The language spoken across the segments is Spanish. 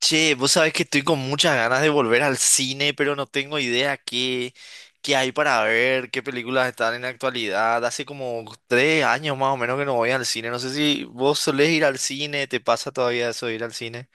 Che, vos sabés que estoy con muchas ganas de volver al cine, pero no tengo idea qué hay para ver, qué películas están en la actualidad. Hace como tres años más o menos que no voy al cine. No sé si vos solés ir al cine, ¿te pasa todavía eso de ir al cine?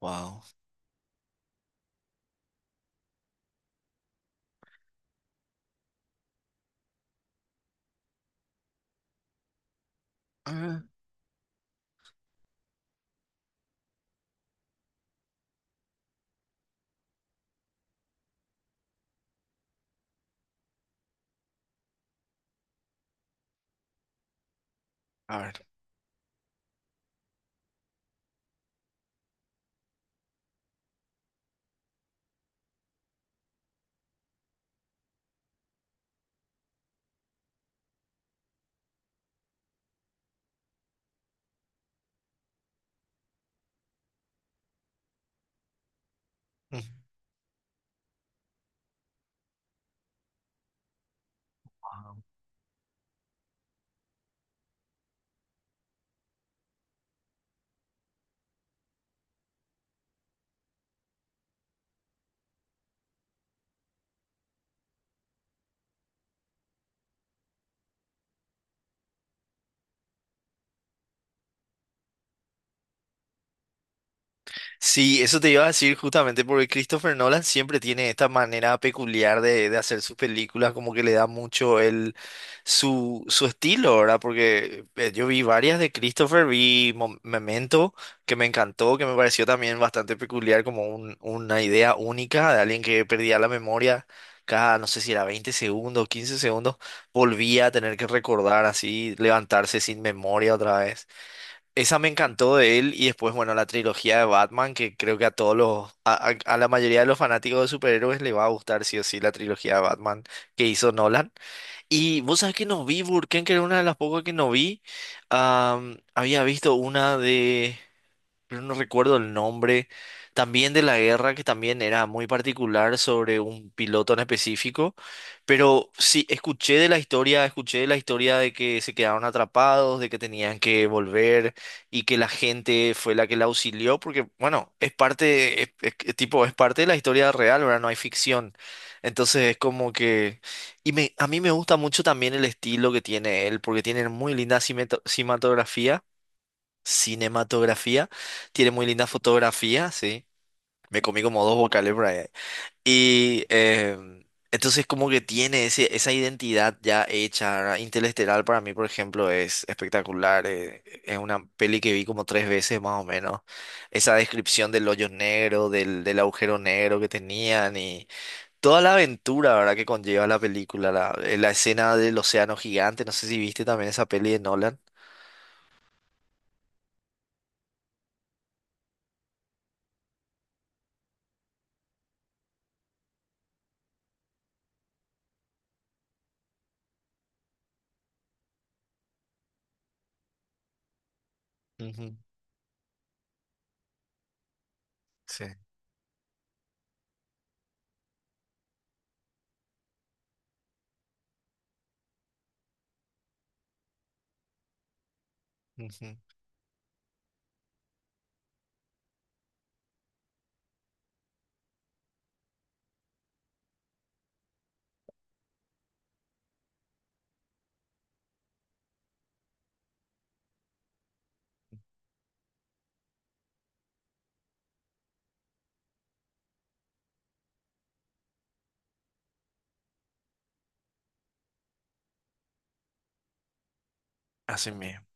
Wow. A ver. Ujú. Sí, eso te iba a decir justamente porque Christopher Nolan siempre tiene esta manera peculiar de hacer sus películas, como que le da mucho el su estilo, ¿verdad? Porque yo vi varias de Christopher, vi Memento, que me encantó, que me pareció también bastante peculiar, como una idea única de alguien que perdía la memoria cada, no sé si era 20 segundos, 15 segundos, volvía a tener que recordar así, levantarse sin memoria otra vez. Esa me encantó de él y después, bueno, la trilogía de Batman, que creo que a todos a la mayoría de los fanáticos de superhéroes le va a gustar sí o sí la trilogía de Batman que hizo Nolan. Y vos sabés que no vi Burken, que era una de las pocas que no vi. Había visto una de pero no recuerdo el nombre, también de la guerra, que también era muy particular sobre un piloto en específico, pero sí, escuché de la historia, escuché de la historia de que se quedaron atrapados, de que tenían que volver y que la gente fue la que la auxilió, porque bueno, es parte, es que, tipo, es parte de la historia real, ahora no hay ficción. Entonces es como que... Y a mí me gusta mucho también el estilo que tiene él, porque tiene muy linda cinematografía. Tiene muy linda fotografía, sí. Me comí como dos vocales por ahí. Y entonces como que tiene esa identidad ya hecha, ¿verdad? Interestelar para mí, por ejemplo, es espectacular. Es una peli que vi como tres veces más o menos. Esa descripción del hoyo negro, del agujero negro que tenían y toda la aventura, ¿verdad?, que conlleva la película. La escena del océano gigante. No sé si viste también esa peli de Nolan. Ujú. Sí. Ujú. Así mismo.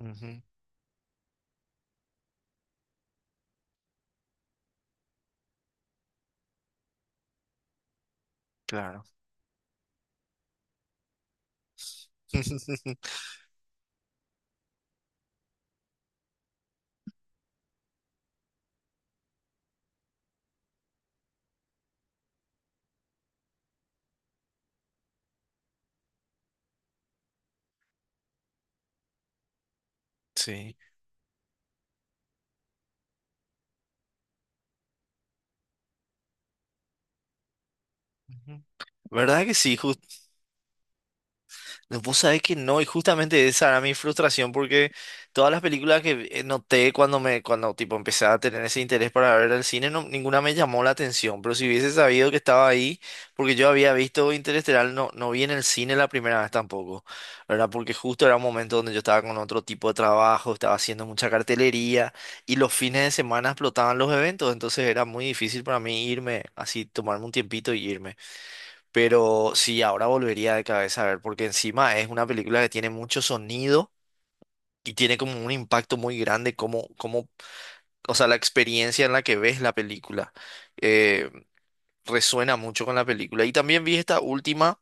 Ujú. Claro. Sí. Ujú. ¿Verdad que sí? No, vos sabés que no, y justamente esa era mi frustración porque todas las películas que noté cuando me, cuando tipo empecé a tener ese interés para ver el cine, ninguna me llamó la atención. Pero si hubiese sabido que estaba ahí, porque yo había visto Interestelar, no, no vi en el cine la primera vez tampoco, ¿verdad? Porque justo era un momento donde yo estaba con otro tipo de trabajo, estaba haciendo mucha cartelería y los fines de semana explotaban los eventos, entonces era muy difícil para mí irme así, tomarme un tiempito y irme. Pero sí, ahora volvería de cabeza a ver, porque encima es una película que tiene mucho sonido y tiene como un impacto muy grande, o sea, la experiencia en la que ves la película eh, resuena mucho con la película. Y también vi esta última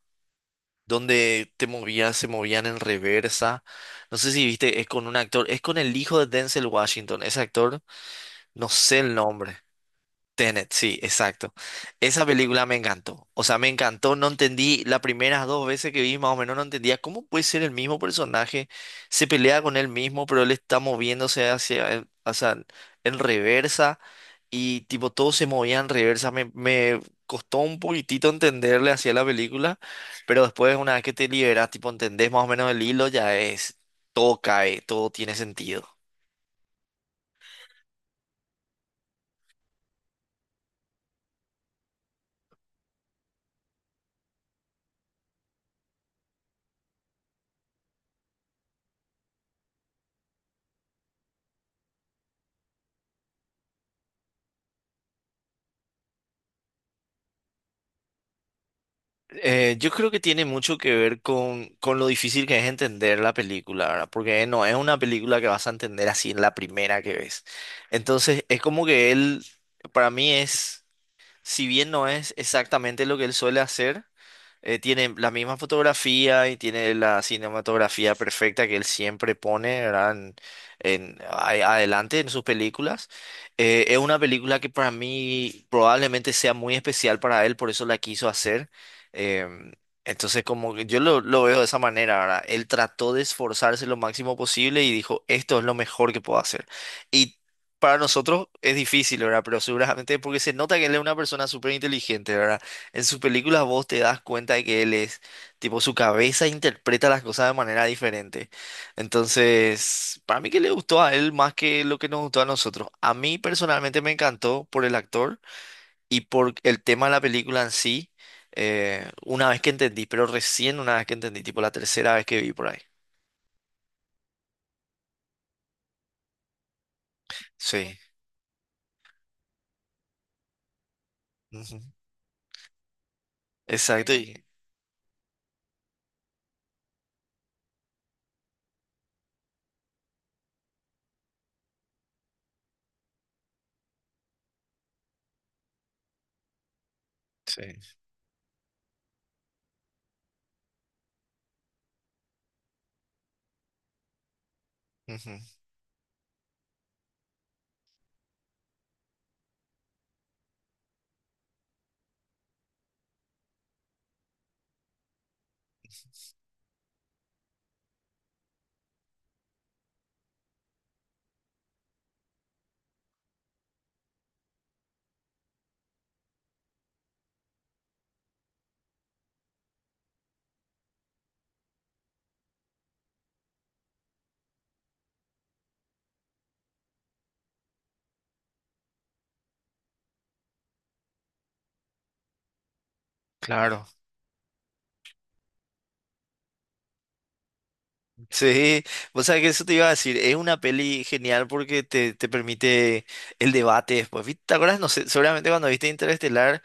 donde te movías, se movían en reversa. No sé si viste, es con un actor, es con el hijo de Denzel Washington, ese actor, no sé el nombre. Tenet, sí, exacto. Esa película me encantó. O sea, me encantó. No entendí las primeras dos veces que vi, más o menos no entendía cómo puede ser el mismo personaje. Se pelea con él mismo, pero él está moviéndose hacia, o sea, en reversa. Y tipo, todo se movía en reversa. Me costó un poquitito entenderle hacia la película. Pero después, una vez que te liberas, tipo, entendés más o menos el hilo, ya es, todo cae, todo tiene sentido. Yo creo que tiene mucho que ver con lo difícil que es entender la película, ¿verdad? Porque no es una película que vas a entender así en la primera que ves. Entonces, es como que él, para mí es, si bien no es exactamente lo que él suele hacer, tiene la misma fotografía y tiene la cinematografía perfecta que él siempre pone, ¿verdad? Adelante en sus películas. Es una película que para mí probablemente sea muy especial para él, por eso la quiso hacer. Em, entonces, como que yo lo veo de esa manera, ¿verdad? Él trató de esforzarse lo máximo posible y dijo, esto es lo mejor que puedo hacer. Y para nosotros es difícil, ¿verdad? Pero seguramente porque se nota que él es una persona súper inteligente, en sus películas vos te das cuenta de que él es, tipo, su cabeza interpreta las cosas de manera diferente. Entonces, para mí que le gustó a él más que lo que nos gustó a nosotros. A mí personalmente me encantó por el actor y por el tema de la película en sí, una vez que entendí, pero recién una vez que entendí, tipo la tercera vez que vi por ahí. Sí. Ujú. Exacto. Sí. Ujú. Claro. Sí, o sea que eso te iba a decir, es una peli genial porque te permite el debate después. ¿Viste? ¿Te acuerdas? No sé, seguramente cuando viste Interestelar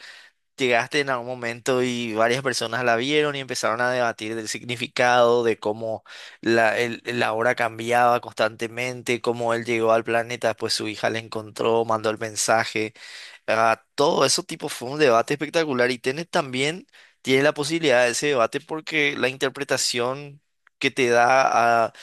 llegaste en algún momento y varias personas la vieron y empezaron a debatir del significado, de cómo la hora cambiaba constantemente, cómo él llegó al planeta, después su hija le encontró, mandó el mensaje. Ah, todo eso tipo fue un debate espectacular y tenés también, tiene la posibilidad de ese debate porque la interpretación que te da.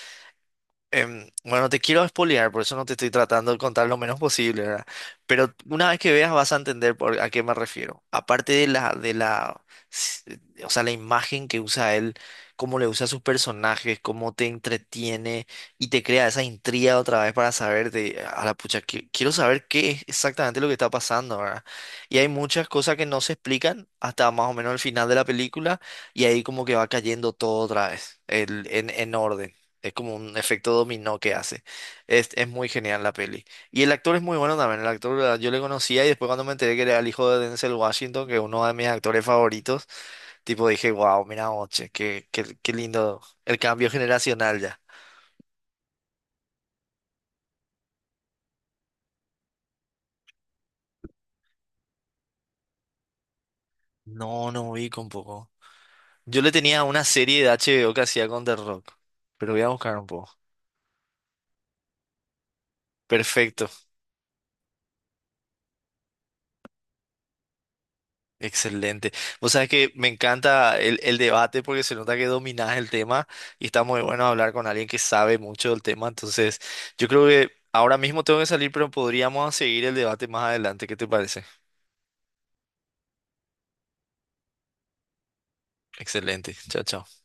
Bueno, te quiero spoilear, por eso no te estoy tratando de contar lo menos posible, ¿verdad? Pero una vez que veas vas a entender por a qué me refiero. Aparte de s- o sea, la imagen que usa él, cómo le usa a sus personajes, cómo te entretiene y te crea esa intriga otra vez para saber de, a la pucha, quiero saber qué es exactamente lo que está pasando, ¿verdad? Y hay muchas cosas que no se explican hasta más o menos el final de la película y ahí como que va cayendo todo otra vez, el, en orden. Es como un efecto dominó que hace. Es muy genial la peli. Y el actor es muy bueno también. El actor, ah, yo le conocía y después cuando me enteré que era el hijo de Denzel Washington, que es uno de mis actores favoritos, tipo dije, wow, mira, oche, qué lindo el cambio generacional ya. No, no vi con poco. Yo le tenía una serie de HBO que hacía con The Rock, pero voy a buscar un poco. Perfecto. Excelente. Vos sabés que me encanta el debate porque se nota que dominás el tema y está muy bueno hablar con alguien que sabe mucho del tema. Entonces, yo creo que ahora mismo tengo que salir, pero podríamos seguir el debate más adelante. ¿Qué te parece? Excelente. Chao, chao.